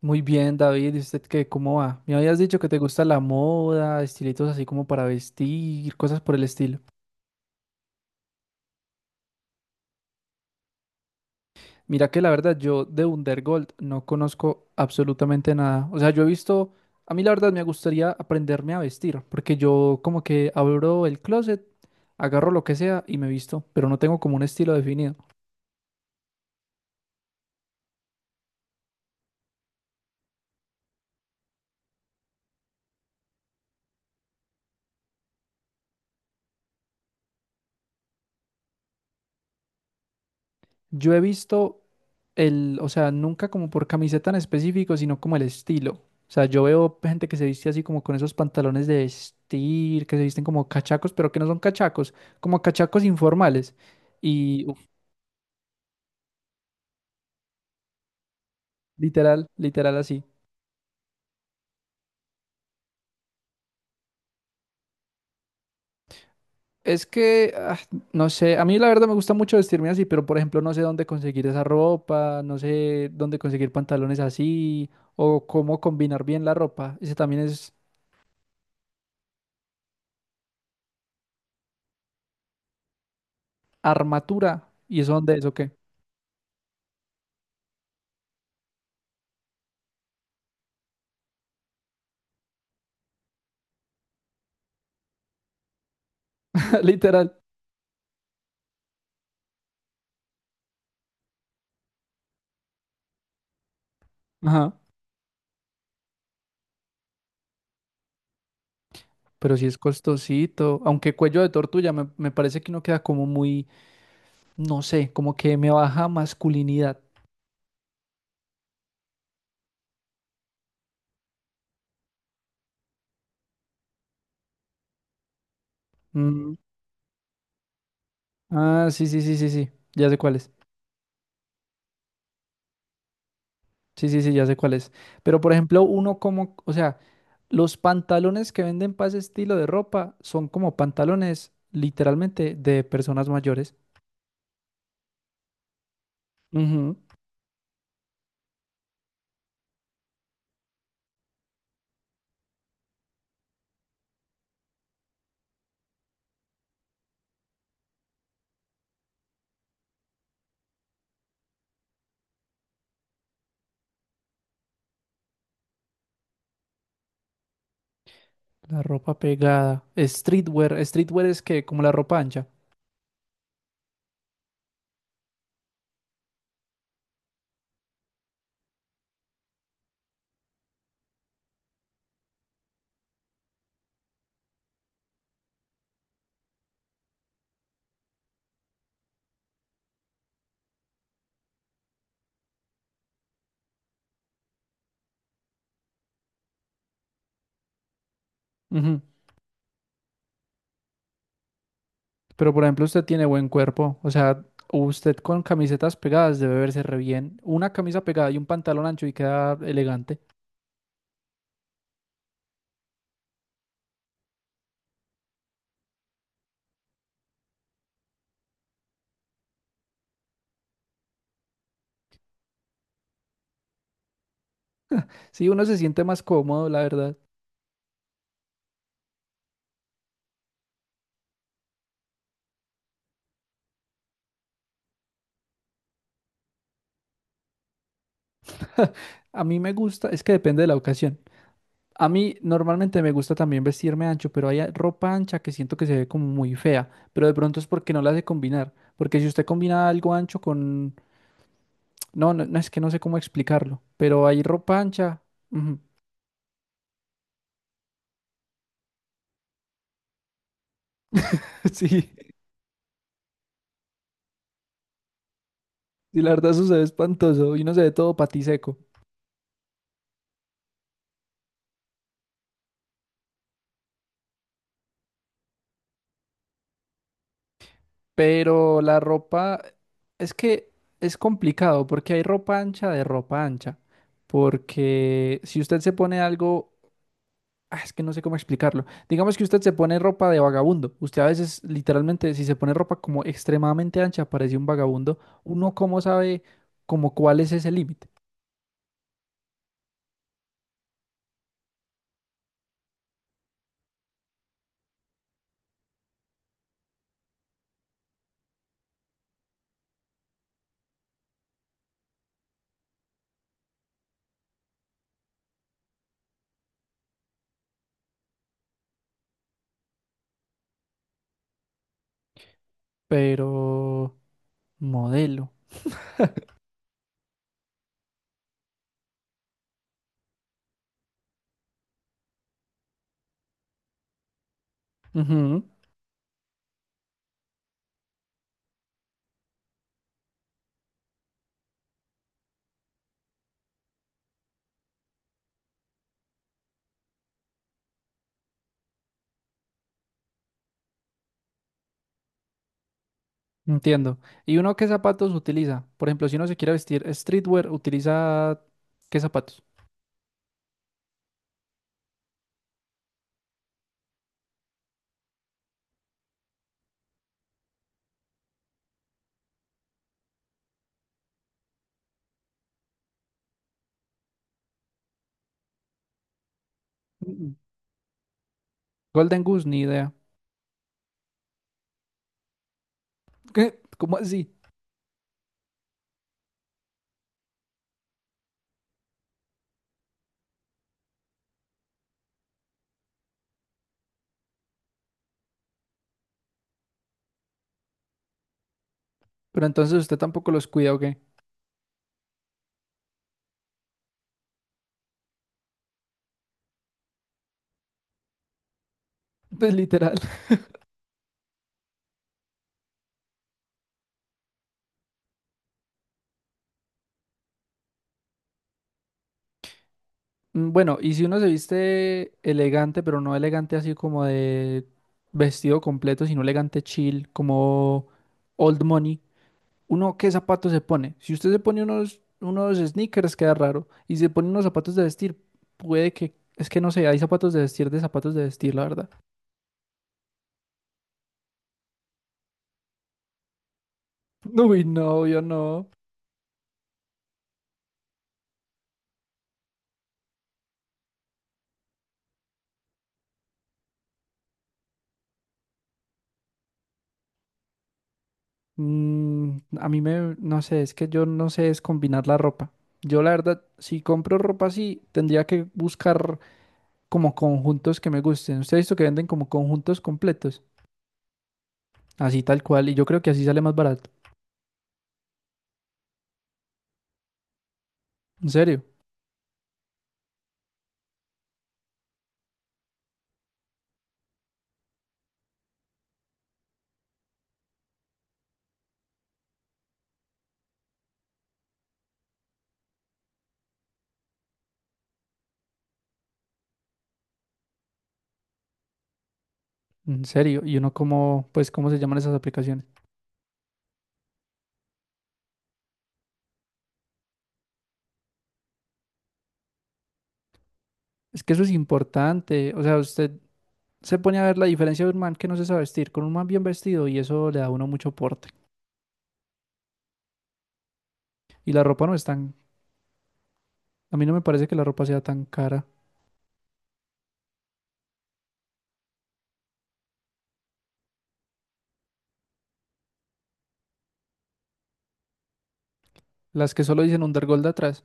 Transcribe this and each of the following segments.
Muy bien, David. ¿Y usted qué? ¿Cómo va? Me habías dicho que te gusta la moda, estilitos así como para vestir, cosas por el estilo. Mira que la verdad yo de Undergold no conozco absolutamente nada. O sea, yo he visto, a mí la verdad me gustaría aprenderme a vestir, porque yo como que abro el closet, agarro lo que sea y me visto, pero no tengo como un estilo definido. Yo he visto el, o sea, nunca como por camiseta en específico, sino como el estilo. O sea, yo veo gente que se viste así como con esos pantalones de vestir, que se visten como cachacos, pero que no son cachacos, como cachacos informales. Y uf, literal, literal así. Es que, no sé, a mí la verdad me gusta mucho vestirme así, pero por ejemplo no sé dónde conseguir esa ropa, no sé dónde conseguir pantalones así, o cómo combinar bien la ropa. Ese también es armatura, ¿y eso dónde es o qué? Literal. Ajá. Pero sí es costosito, aunque cuello de tortuga me parece que no queda como muy, no sé, como que me baja masculinidad. Mm. Ah, sí, sí, sí, sí, sí, ya sé cuál es. Sí, sí, sí, ya sé cuál es. Pero por ejemplo, uno como, o sea, los pantalones que venden para ese estilo de ropa son como pantalones literalmente de personas mayores. Ujú. La ropa pegada. Streetwear, streetwear es que como la ropa ancha. Ujú. Pero por ejemplo, usted tiene buen cuerpo, o sea, usted con camisetas pegadas debe verse re bien. Una camisa pegada y un pantalón ancho y queda elegante. Sí, uno se siente más cómodo, la verdad. A mí me gusta, es que depende de la ocasión. A mí normalmente me gusta también vestirme ancho, pero hay ropa ancha que siento que se ve como muy fea, pero de pronto es porque no la hace combinar, porque si usted combina algo ancho con... No, no, no, es que no sé cómo explicarlo, pero hay ropa ancha. Ujú. Sí, sí, la verdad eso se ve espantoso y uno se ve todo patiseco. Pero la ropa es que es complicado porque hay ropa ancha de ropa ancha. Porque si usted se pone algo, es que no sé cómo explicarlo. Digamos que usted se pone ropa de vagabundo. Usted a veces literalmente si se pone ropa como extremadamente ancha parece un vagabundo. Uno cómo sabe como cuál es ese límite. Pero modelo. Ujú. Entiendo. ¿Y uno qué zapatos utiliza? Por ejemplo, si uno se quiere vestir streetwear, ¿utiliza qué zapatos? Golden Goose, ni idea. ¿Qué? ¿Cómo así? Pero entonces usted tampoco los cuida, ¿o qué? Pues literal. Mm. Bueno, y si uno se viste elegante, pero no elegante así como de vestido completo, sino elegante chill, como old money, ¿uno qué zapatos se pone? Si usted se pone unos sneakers, queda raro. Y se pone unos zapatos de vestir, puede que... Es que no sé, hay zapatos de vestir de zapatos de vestir, la verdad. Uy, no, yo no. Mm, no sé, es que yo no sé es combinar la ropa. Yo la verdad, si compro ropa así, tendría que buscar como conjuntos que me gusten. Usted ha visto que venden como conjuntos completos, así tal cual, y yo creo que así sale más barato. En serio, en serio. Y uno como, pues, ¿cómo se llaman esas aplicaciones? Es que eso es importante. O sea, usted se pone a ver la diferencia de un man que no se sabe vestir con un man bien vestido y eso le da a uno mucho porte. Y la ropa no es tan, a mí no me parece que la ropa sea tan cara. Las que solo dicen Undergold atrás.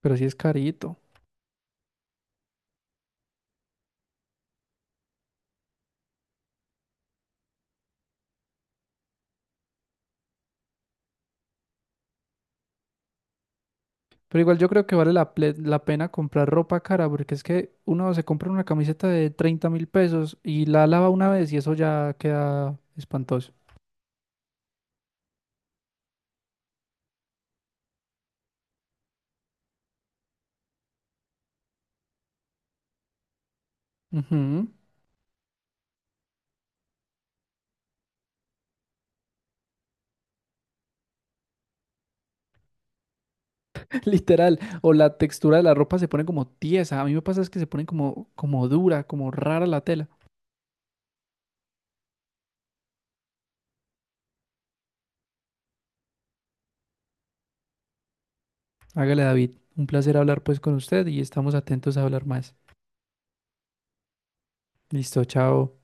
Pero sí es carito. Pero igual yo creo que vale la pena comprar ropa cara, porque es que uno se compra una camiseta de 30.000 pesos y la lava una vez y eso ya queda espantoso. Ujú. Literal. O la textura de la ropa se pone como tiesa. A mí me pasa es que se pone como dura, como rara la tela. Hágale, David. Un placer hablar pues con usted y estamos atentos a hablar más. Listo, chao.